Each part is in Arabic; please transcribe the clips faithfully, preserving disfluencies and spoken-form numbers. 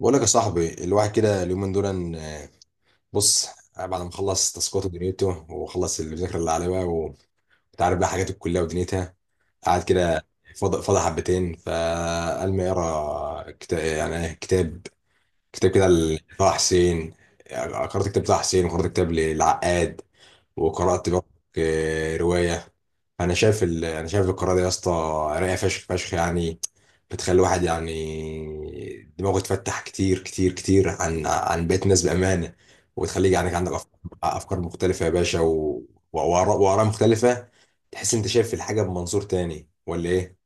بقول لك يا صاحبي الواحد كده اليومين دول إن- آه، بص. آه، بعد ما اخلص تاسكاته ودنيته واخلص المذاكره اللي عليه بقى وانت عارف بقى حاجات الكليه ودنيتها، قاعد كده فاضي فاضي حبتين، فقال ما اقرا كتاب. يعني إيه، كتاب كتاب كده لطه حسين. آه، قرأت كتاب طه حسين وقرأت كتاب للعقاد وقرأت برضك آه، رواية. أنا شايف ال... أنا شايف القراءة دي يا اسطى رايقة فشخ فشخ يعني، بتخلي الواحد يعني دماغه يتفتح كتير كتير كتير عن عن بقية الناس بأمانة، وتخليك يعني عندك أفكار أفكار مختلفة يا باشا، و... وآراء وآراء مختلفة. تحس أنت شايف الحاجة بمنظور تاني ولا إيه؟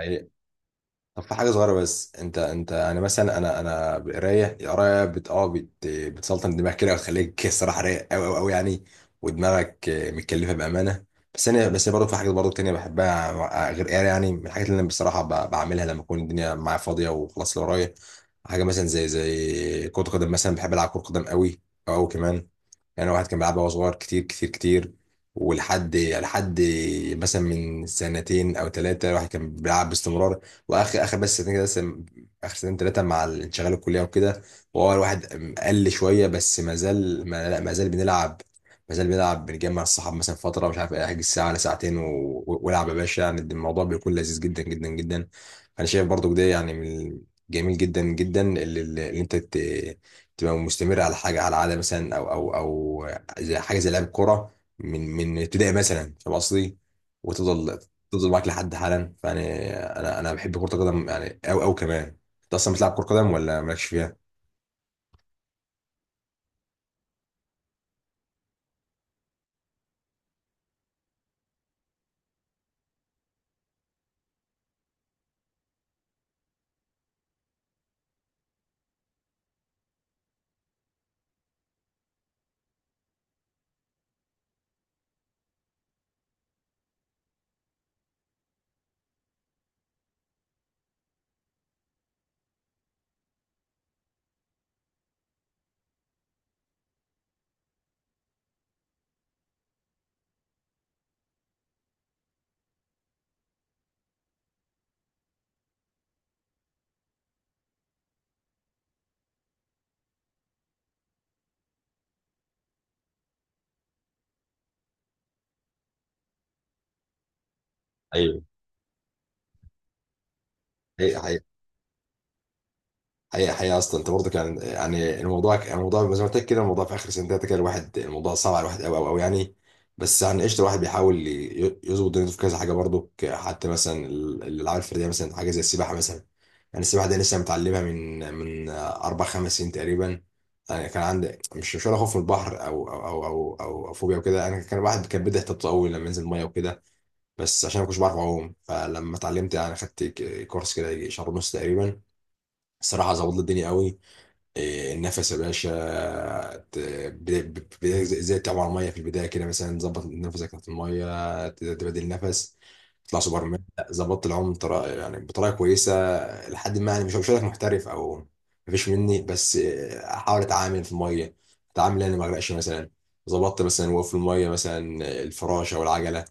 أيوة. طب في حاجة صغيرة بس، انت انت انا مثلا، انا انا قراية القراية بت اه بت بتسلطن دماغك كده، وتخليك الصراحة رايق قوي قوي قوي يعني، ودماغك آه، متكلفة بأمانة. بس انا بس برضه في حاجات برضه تانية بحبها آه، غير قراية. يعني من الحاجات اللي انا بصراحة ب- بعملها لما اكون الدنيا معايا فاضية وخلاص اللي ورايا، حاجة مثلا زي زي كرة قدم مثلا. بحب ألعب كرة قدم قوي، قوي كمان. يعني واحد كان بيلعبها وهو صغير كتير كتير كتير، ولحد لحد مثلا من سنتين او ثلاثه الواحد كان بيلعب باستمرار. واخر اخر بس سنتين كده بس- اخر سنتين ثلاثه مع الانشغال الكليه وكده، وهو الواحد قل شويه، بس ما زال ما, لا ما زال بنلعب. ما زال بنلعب، بنجمع الصحاب مثلا فتره، مش عارف إيه، احجز ساعه ولا ساعتين و- والعب يا باشا. يعني الموضوع بيكون لذيذ جدا جدا جدا. انا شايف برضو ده يعني من جميل جدا جدا اللي, اللي انت تبقى مستمرة على حاجة، على عادة مثلا، أو أو أو زي حاجة زي لعب الكورة من من ابتدائي مثلا. فاهم قصدي؟ وتفضل تفضل معاك لحد حالا. فيعني أنا أنا بحب كرة القدم يعني. أو أو كمان، أنت أصلا بتلعب كرة قدم ولا مالكش فيها؟ ايوه. هي حقيقة، حقيقة أصلا أنت برضه كان يعني الموضوع ك- الموضوع زي ما قلت لك كده، الموضوع في آخر سنتين تلاتة كده الواحد الموضوع صعب على الواحد أوي أوي أوي يعني. بس يعني قشطة، الواحد بيحاول ي- يظبط دنيته في كذا حاجة برضه، ك- حتى مثلا ال- الألعاب الفردية مثلا، حاجة زي السباحة مثلا. يعني السباحة دي لسه متعلمها من من أربع خمس سنين تقريبا. يعني كان عندي مش مش ولا خوف من البحر أو أو أو أو أو, أو فوبيا وكده. أنا كان الواحد كان بيبدأ يحتبط أوي لما ينزل المية وكده، بس عشان ما كنتش بعرف أعوم. فلما اتعلمت يعني، خدت ك- كورس كده يجي شهر ونص تقريبا، الصراحة ظبط لي الدنيا أوي. إيه، النفس يا باشا ت- ب- ب- ب- زي زي تعبر ميه في البدايه كده مثلا، ظبط نفسك تحت الميه، ت- تبدل نفس، تطلع سوبر مان. لا، ظبطت العوم بطريقه يعني بطريقه كويسه، لحد ما يعني مش مش هقول لك محترف او مفيش مني، بس إيه، احاول اتعامل في الميه. اتعامل انا ما اغرقش مثلا، ظبطت مثلا وقف في الميه مثلا، الفراشه والعجله.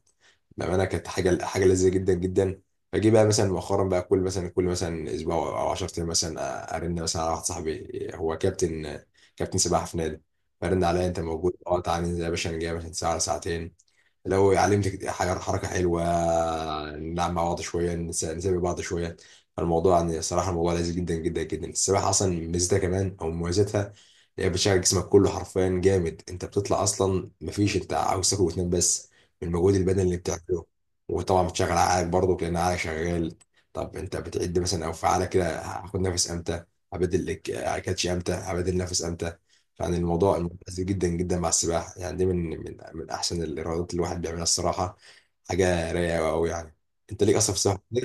بامانه كانت حاجه حاجه لذيذه جدا جدا. فجي بقى مثلا مؤخرا بقى كل مثلا، كل مثلا اسبوع او عشرة ايام مثلا، ارن مثلا على واحد صاحبي، هو كابتن، كابتن سباحه في نادي. فرن عليا، انت موجود؟ اه، تعالى ننزل يا باشا، نجي يا باشا ساعه ولا ساعتين، لو علمتك حاجة- حركة حلوة، نلعب مع بعض شوية، نس- نسابق بعض شوية. الموضوع يعني صراحة الموضوع لذيذ جدا جدا جدا. السباحة أصلا ميزتها كمان أو مميزاتها، هي بتشغل جسمك كله حرفيا جامد. أنت بتطلع أصلا مفيش، أنت عاوز تاكل وتنام بس من المجهود البدني اللي بتعمله، وطبعا بتشغل عقلك برضه لأن عقلك شغال. طب أنت بتعد مثلا أو فعالة كده هاخد نفس أمتى، هبدل الك- كاتش أمتى، هبدل نفس أمتى. يعني الموضوع الموضوع لذيذ جدا جدا مع السباحة. يعني دي من من من أحسن الرياضات اللي الواحد بيعملها الصراحة، حاجة رايقة أوي يعني. أنت ليك أصلا في السباحة؟ لا،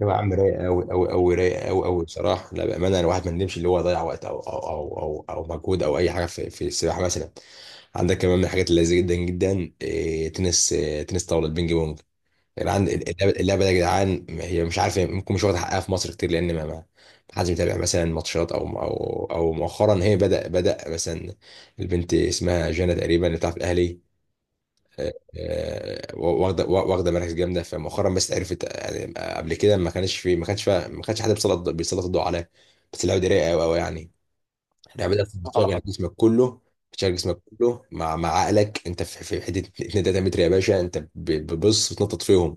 يا عم رايقة أوي أوي أوي، رايقة أوي أوي بصراحة، لا بأمانة الواحد ما ندمش اللي هو ضيع وقت أو أو أو أو, أو مجهود أو أي حاجة في، في السباحة مثلا. عندك كمان من الحاجات اللذيذة جدا جدا إيه، تنس، إيه تنس طاولة، البينج بونج. العند- اللعبه اللعبة دي يا جدعان، هي مش عارف، ممكن مش واخد حقها في مصر كتير، لان ما ما حدش بيتابع مثلا ماتشات او او او مؤخرا هي بدا بدا مثلا، البنت اسمها جانا تقريبا اللي بتلعب في الاهلي، آه، آه، واخده واخده مراكز جامده. فمؤخرا بس عرفت، يعني قبل كده ما كانش في ما كانش فيها- ما كانش حد بيسلط بيسلط الضوء عليها. بس اللعبه دي رايقه قوي قوي يعني. اللعبه دي بتشغل اه جسمك كله، بتشغل جسمك كله مع مع عقلك. انت في في حته اتنين تلاتة متر يا باشا، انت ب- بتبص وتنطط فيهم،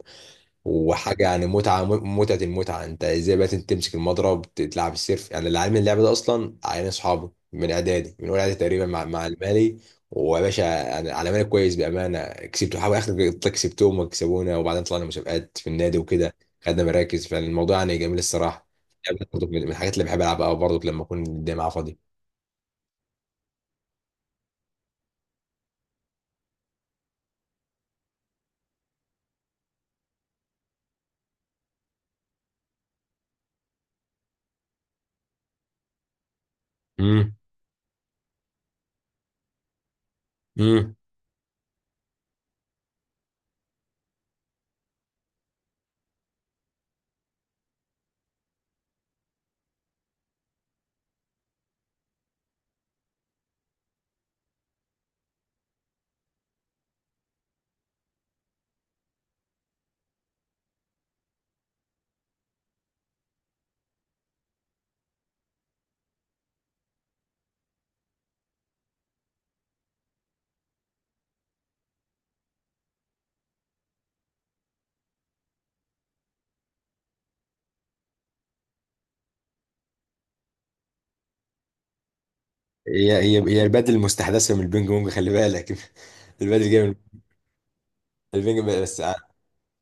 وحاجه يعني متعه م- متعه المتعه. انت ازاي بقى تمسك المضرب، تلعب السيرف. يعني اللي علمني اللعبه ده اصلا عيال اصحابي من اعدادي من اول اعدادي تقريبا، مع مع المالي، ويا باشا يعني على مالي كويس بامانه، كسبت حاول اخر كسبتهم وكسبونا، وبعدين طلعنا مسابقات في النادي وكده، خدنا مراكز، فالموضوع يعني جميل الصراحه. اللعبة برضه من من الحاجات اللي بحب العبها برضه لما اكون الجامعه فاضي. امم. امم. هي هي هي البادل المستحدثه من البينج بونج، خلي بالك. البادل جامد. البينج بس.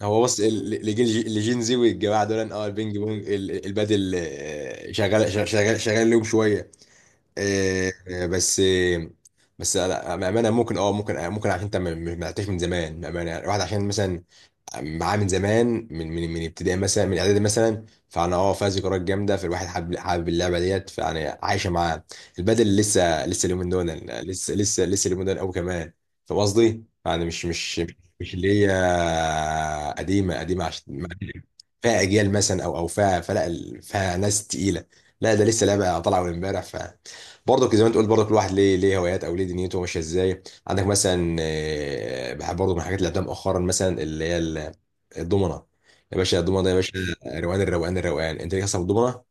هو بص، ال- ال- الجيل اللي جين زي والجماعه دول، إن اه البينج بونج، ال- ال- البادل آه، شغال شغال شغال شغال لهم شويه. آه، آه، بس آه، بس لا بامانه، ممكن اه ممكن آه، ممكن عشان انت ما ما- ما لعبتهاش من زمان بامانه. يعني الواحد عشان مثلا معاه من زمان من من من ابتدائي مثلا، من اعدادي مثلا، فانا اه فيها ذكريات جامده، فالواحد حابب حابب اللعبه ديت، فانا عايشه معاه. البدل لسه لسه اليومين دول، لسه لسه لسه اليومين دول قوي كمان. فاهم قصدي؟ يعني مش مش مش اللي هي قديمه، قديمه عشان فيها اجيال مثلا او او فيها، فلا ال- فيها ناس تقيله. لا ده لسه لعبه طالعه من امبارح. ف برضه زي ما انت قلت، برضه كل واحد ليه ليه هوايات او ليه دنيته ماشيه ازاي. عندك مثلا آه، بحب برضه من الحاجات اللي لعبتها مؤخرا مثلا اللي هي الضمنه. يا باشا الضمنه ده يا باشا، روقان، الروقان الروقان. انت ليك اصلا في الضمنه؟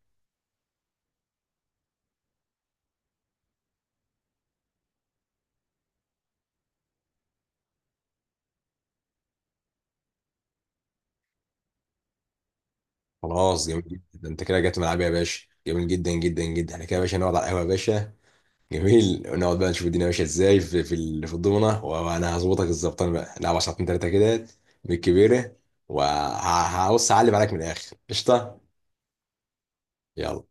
خلاص جميل جدا، ده انت كده جت ملعبي يا باشا، جميل جدا جدا جدا. احنا كده يا باشا نقعد على القهوه يا باشا، جميل، ونقعد بقى نشوف الدنيا ماشيه ازاي في في ال- في الضمنه، وانا هظبطك الزبطان، بقى نلعب ساعتين ثلاثه كده بالكبيره، وهبص اعلم عليك من الاخر، قشطه. يلا.